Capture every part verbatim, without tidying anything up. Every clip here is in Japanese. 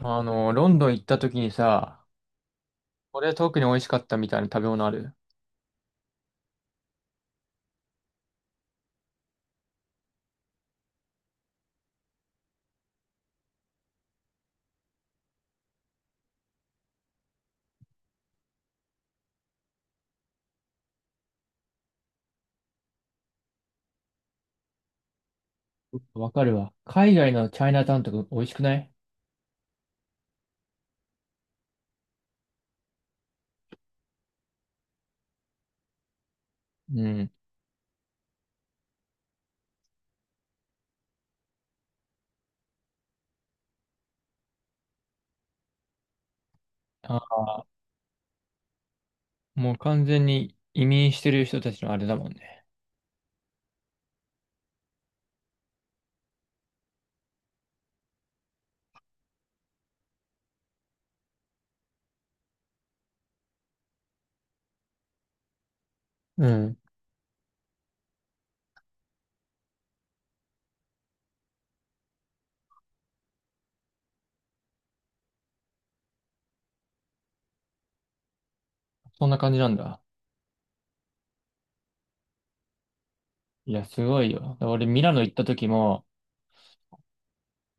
あの、ロンドン行った時にさ、これ特に美味しかったみたいな食べ物ある？わかるわ。海外のチャイナタウンとか美味しくない？うん。あ、もう完全に移民してる人たちのあれだもんね。うん。そんな感じなんだ。いや、すごいよ。だから俺、ミラノ行った時も、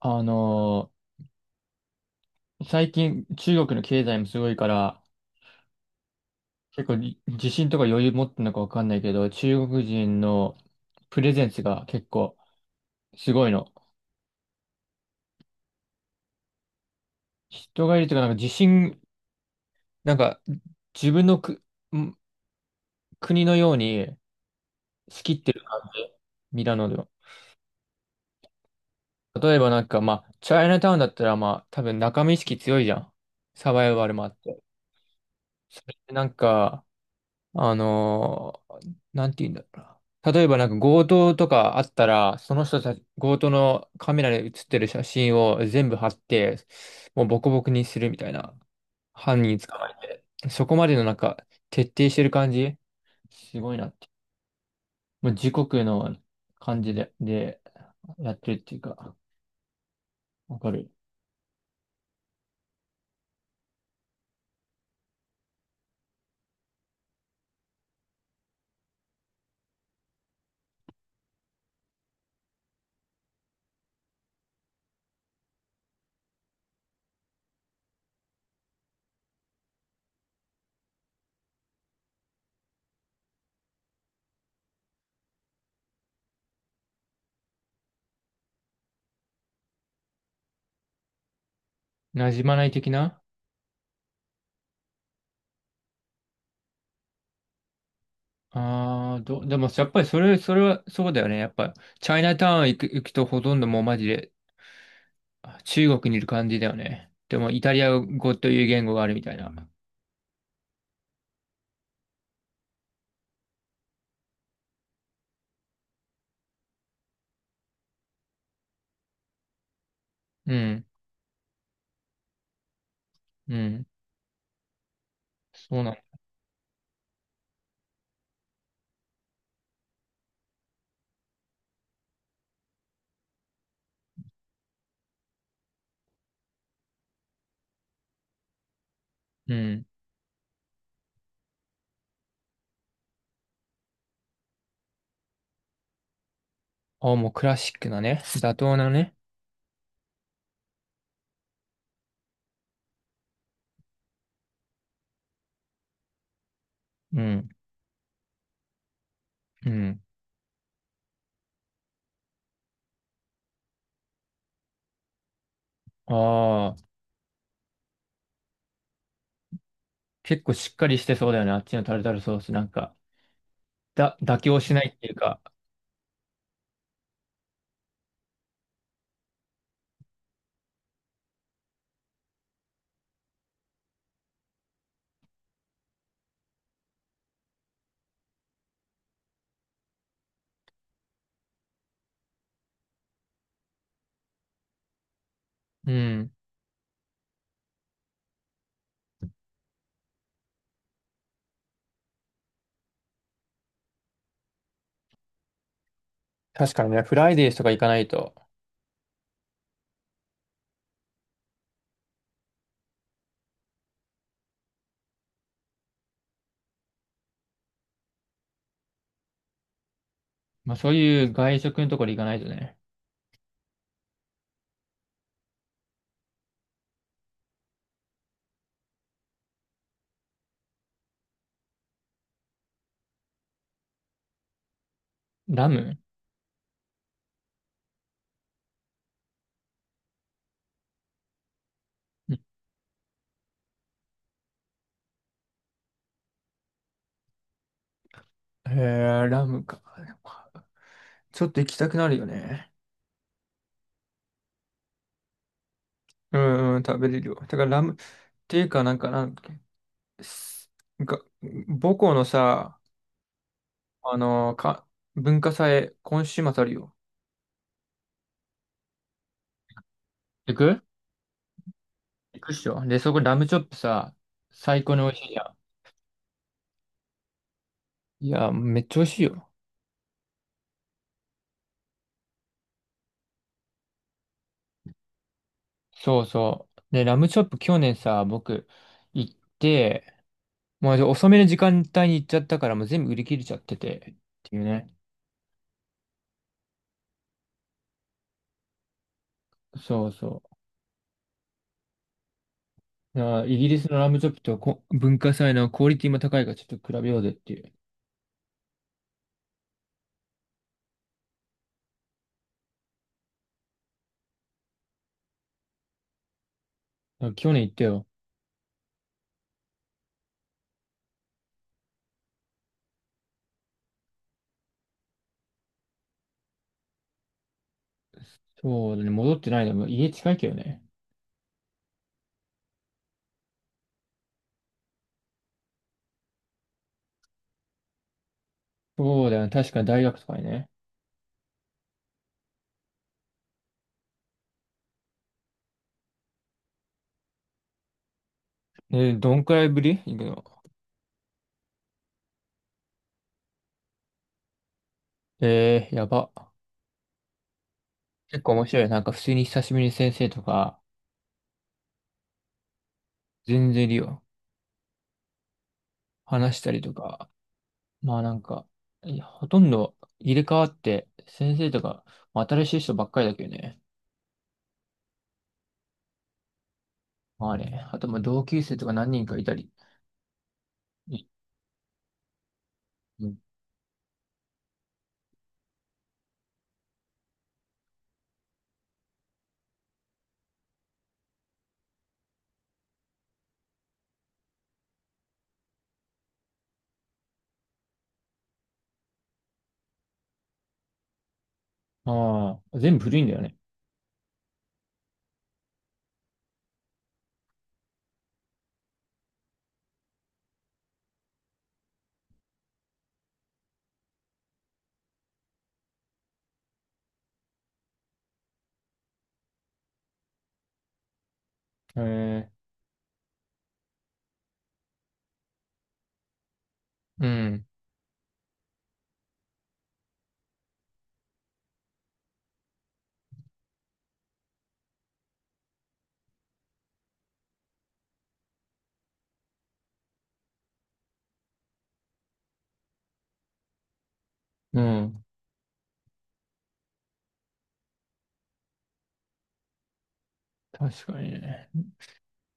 あのー最近中国の経済もすごいから、結構り自信とか余裕持ってんのかわかんないけど、中国人のプレゼンスが結構すごいの。人がいるというか、なんか自信なんか、自分のく、ん国のように仕切ってる感じ、ミラノでは。例えばなんか、まあ、チャイナタウンだったら、まあ、多分仲間意識強いじゃん。サバイバルもあって。それでなんか、あのーなんて言うんだろうな。例えばなんか強盗とかあったら、その人たち、強盗のカメラで写ってる写真を全部貼って、もうボコボコにするみたいな。犯人捕まえ。そこまでのなんか、徹底してる感じ、すごいな。まあ、時刻の感じで、で、やってるっていうか、わかる。馴染まない的な。ああー、ど、でも、やっぱりそれ、それはそうだよね。やっぱ、チャイナタウン行く、行くとほとんどもうマジで中国にいる感じだよね。でも、イタリア語という言語があるみたいな。うん、うん、そうなの。うん。ああ、もうクラシックなね。妥当なね。うん、うん。ああ、結構しっかりしてそうだよね。あっちのタルタルソースなんか。だ、妥協しないっていうか。うん。確かにね、フライデーとか行かないと。まあそういう外食のところ行かないとね。ラム。うん。へえ、ラムか。ちょっと行きたくなるよね。うんうん、食べれるよ。だからラム、っていうか、なんか、なんか、すなんか母校のさ、あのか、文化祭、今週末あるよ。行く？行くっしょ。で、そこラムチョップさ、最高に美味しいじゃん。いや、めっちゃ美味しいよ。そうそう。で、ラムチョップ去年さ、僕行って、もうじゃあ遅めの時間帯に行っちゃったから、もう全部売り切れちゃってて、っていうね。そうそう。だからイギリスのラムチョップとこ文化祭のクオリティも高いからちょっと比べようぜっていう。だから去年行ったよ。そうだね、戻ってないでもう家近いけどね。そうだよね、確かに大学とかにね。えーどんくらいぶり行くの？えー、やば。結構面白いよ。なんか普通に久しぶりに先生とか、全然いるよ。話したりとか。まあなんか、いやほとんど入れ替わって、先生とか、まあ新しい人ばっかりだけどね。まあね。あと、まあ、同級生とか何人かいたり。うん。ああ、全部古いんだよね。へえ。うん。うん。確かにね。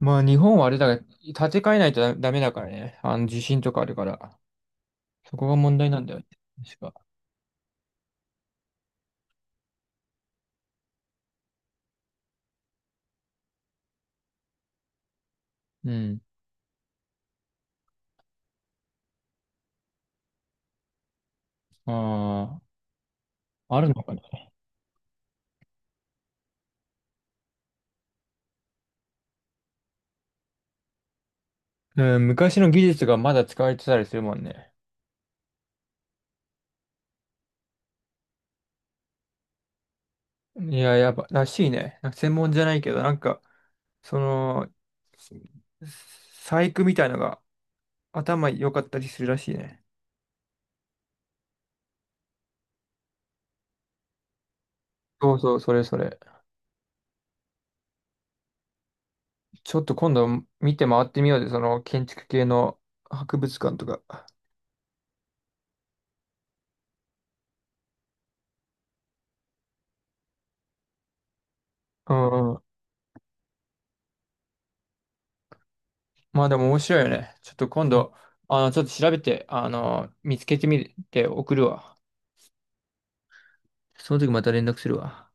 まあ、日本はあれだが、建て替えないとダダメだからね。あの、地震とかあるから。そこが問題なんだよね。確か。うん。ああ、あるのかね。うん、昔の技術がまだ使われてたりするもんね。いや、やっぱ、らしいね。なんか専門じゃないけど、なんか、その、細工みたいのが頭良かったりするらしいね。そうそう、それそれ。ちょっと今度見て回ってみようで、その建築系の博物館とか。うんうん。まあでも面白いよね。ちょっと今度、あの、ちょっと調べて、あの、見つけてみて送るわ。その時また連絡するわ。